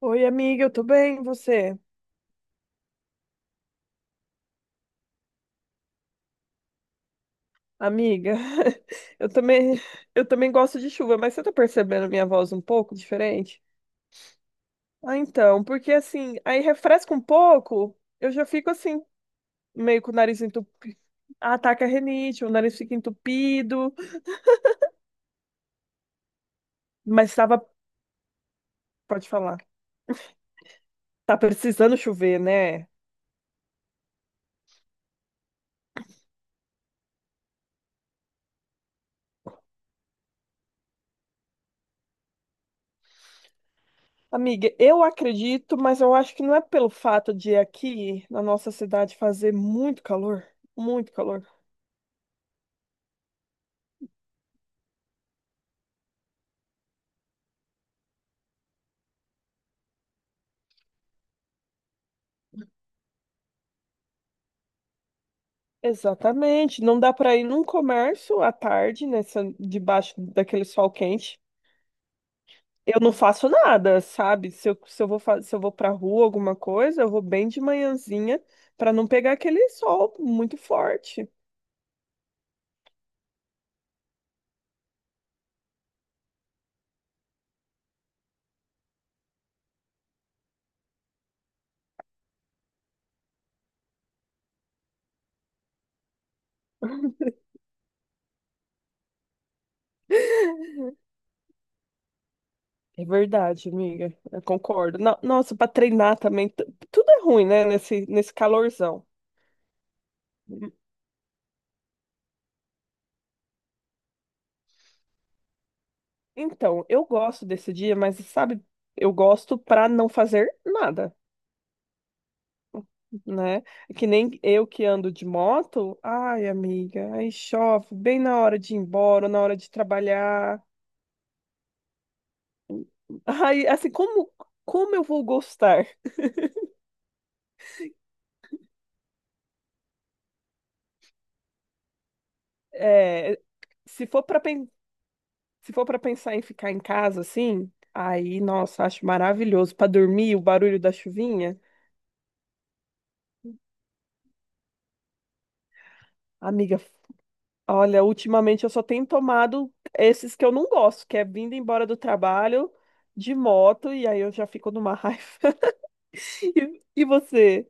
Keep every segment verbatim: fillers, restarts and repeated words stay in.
Oi, amiga, eu tô bem, e você? Amiga, eu também, eu também gosto de chuva, mas você tá percebendo a minha voz um pouco diferente? Ah, então, porque assim, aí refresca um pouco, eu já fico assim, meio com o nariz entupido. Ataca a rinite, o nariz fica entupido, mas tava, pode falar, tá precisando chover, né? Amiga, eu acredito, mas eu acho que não é pelo fato de aqui na nossa cidade fazer muito calor, muito calor. Exatamente. Não dá para ir num comércio à tarde, nessa, debaixo daquele sol quente. Eu não faço nada, sabe? Se eu, se eu vou, fa- se eu vou pra rua, alguma coisa, eu vou bem de manhãzinha para não pegar aquele sol muito forte. É verdade, amiga. Eu concordo. No- Nossa, para treinar também, tu- tudo é ruim, né? Nesse, nesse calorzão. Então, eu gosto desse dia, mas sabe, eu gosto para não fazer nada, né? É que nem eu que ando de moto, ai, amiga, aí chove bem na hora de ir embora, na hora de trabalhar. Ai, assim, como como eu vou gostar? É, se for para se for para pensar em ficar em casa assim, aí, nossa, acho maravilhoso para dormir, o barulho da chuvinha. Amiga, olha, ultimamente eu só tenho tomado esses que eu não gosto, que é vindo embora do trabalho de moto e aí eu já fico numa raiva. E, e você?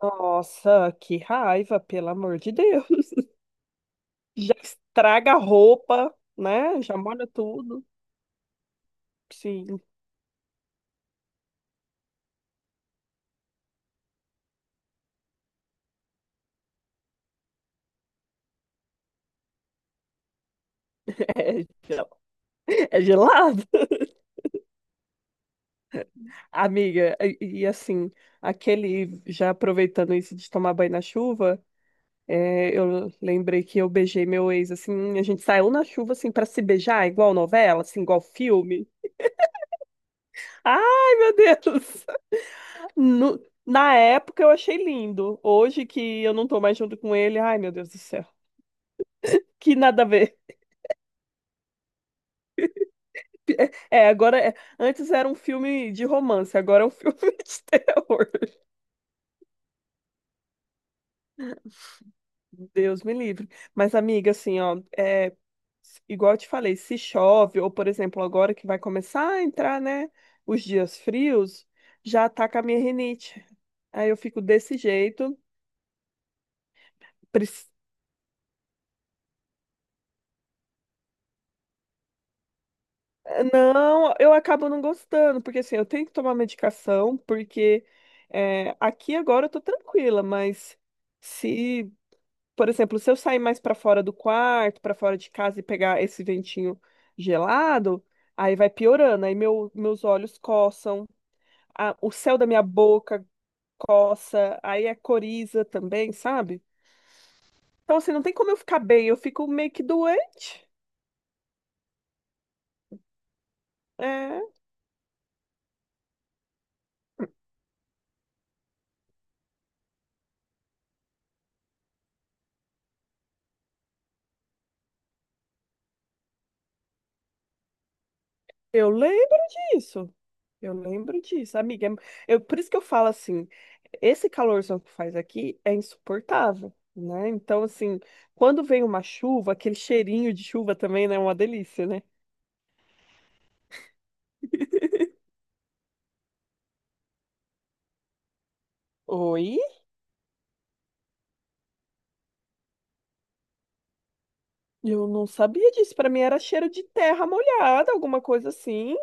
Nossa, que raiva, pelo amor de Deus. Já estraga a roupa, né? Já molha tudo. Sim, é, gel- é gelado. Amiga, e, e assim, aquele, já aproveitando isso de tomar banho na chuva, é, eu lembrei que eu beijei meu ex, assim, a gente saiu na chuva, assim, pra se beijar, igual novela, assim, igual filme. Ai, meu Deus! No- Na época eu achei lindo. Hoje que eu não tô mais junto com ele, ai, meu Deus do céu. Que nada a ver. É, agora é... antes era um filme de romance, agora é um filme de terror. Deus me livre. Mas, amiga, assim, ó, é igual eu te falei, se chove, ou por exemplo, agora que vai começar a entrar, né, os dias frios, já ataca a minha rinite. Aí eu fico desse jeito. Prec- Não, eu acabo não gostando, porque assim, eu tenho que tomar medicação, porque é, aqui agora eu tô tranquila, mas se por exemplo, se eu sair mais para fora do quarto, para fora de casa e pegar esse ventinho gelado, aí vai piorando, aí meu, meus olhos coçam, a- o céu da minha boca coça, aí é coriza também, sabe? Então, assim, não tem como eu ficar bem, eu fico meio que doente. É, eu lembro disso. Eu lembro disso, amiga. É- Eu, por isso que eu falo assim, esse calorzão que faz aqui é insuportável, né? Então, assim, quando vem uma chuva, aquele cheirinho de chuva também, né? É uma delícia, né? Oi? Eu não sabia disso. Pra mim era cheiro de terra molhada, alguma coisa assim.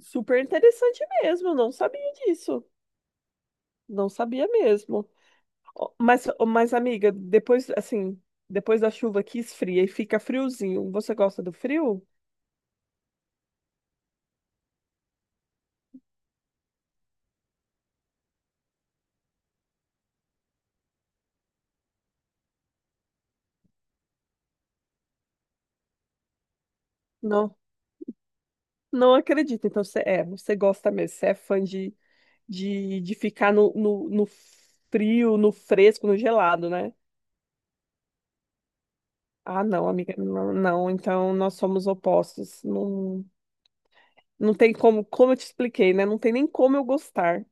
Super interessante mesmo. Eu não sabia disso. Não sabia mesmo. Ó, mas, ó, mas, amiga, depois, assim, depois da chuva que esfria e fica friozinho, você gosta do frio? Não. Não acredito. Então, você, é, você gosta mesmo, você é fã de, de, de ficar no, no, no frio, no fresco, no gelado, né? Ah, não, amiga, não, não. Então, nós somos opostos. Não, não tem como, como eu te expliquei, né? Não tem nem como eu gostar.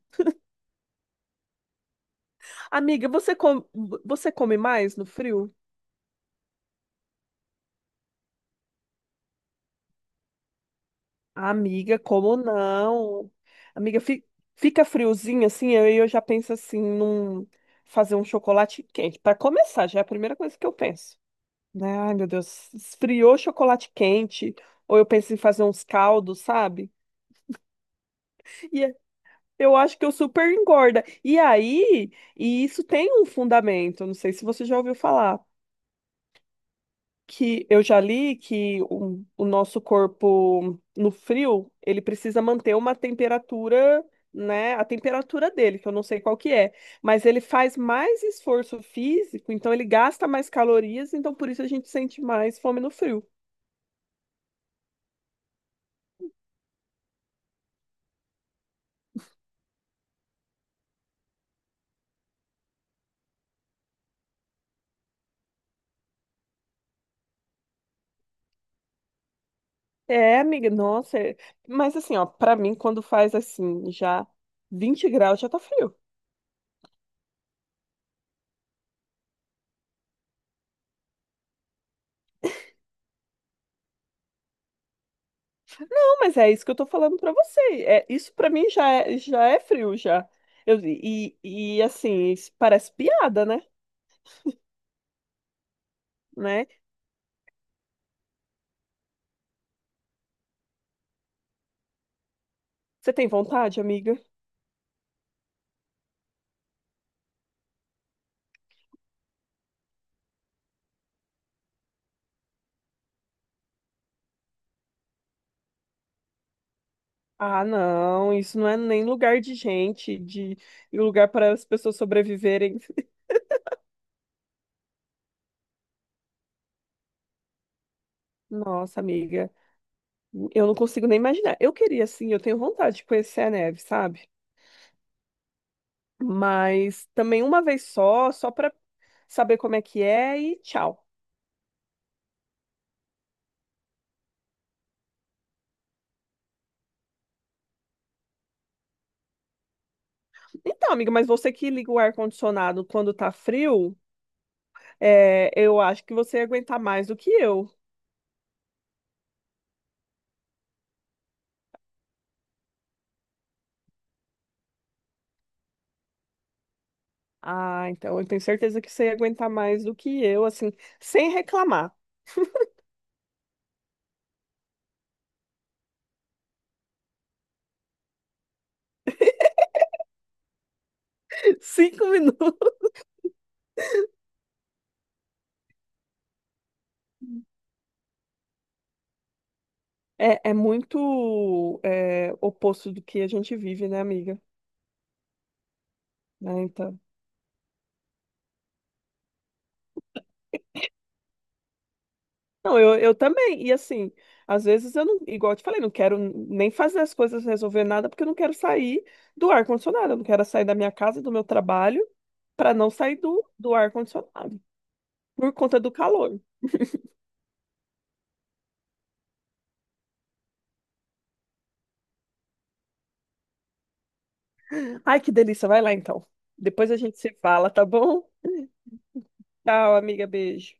Amiga, você come, você come mais no frio? Amiga, como não? Amiga, fi- fica friozinho assim, aí eu já penso assim, num fazer um chocolate quente. Para começar, já é a primeira coisa que eu penso, né? Ai, meu Deus, esfriou chocolate quente, ou eu penso em fazer uns caldos, sabe? E é- eu acho que eu super engorda. E aí, e isso tem um fundamento, não sei se você já ouviu falar, que eu já li que o, o nosso corpo no frio, ele precisa manter uma temperatura, né, a temperatura dele, que eu não sei qual que é, mas ele faz mais esforço físico, então ele gasta mais calorias, então por isso a gente sente mais fome no frio. É, amiga, nossa. é- Mas assim, ó, pra mim, quando faz assim, já vinte graus, já tá frio. Não, mas é isso que eu tô falando pra você. É, isso pra mim já é, já é frio, já. Eu, e, e assim, isso parece piada, né? Né? Você tem vontade, amiga? Ah, não, isso não é nem lugar de gente, de e lugar para as pessoas sobreviverem. Nossa, amiga, eu não consigo nem imaginar. Eu queria, assim, eu tenho vontade de conhecer a neve, sabe? Mas também uma vez só, só para saber como é que é e tchau. Então, amiga, mas você que liga o ar-condicionado quando tá frio, é, eu acho que você ia aguentar mais do que eu. Ah, então eu tenho certeza que você ia aguentar mais do que eu, assim, sem reclamar. Cinco minutos. É, é muito, é, oposto do que a gente vive, né, amiga? Né, então. Não, eu, eu também. E assim, às vezes eu não, igual eu te falei, não quero nem fazer as coisas, resolver nada, porque eu não quero sair do ar-condicionado. Eu não quero sair da minha casa, do meu trabalho, para não sair do, do ar-condicionado, por conta do calor. Ai, que delícia. Vai lá então. Depois a gente se fala, tá bom? Tchau, amiga. Beijo.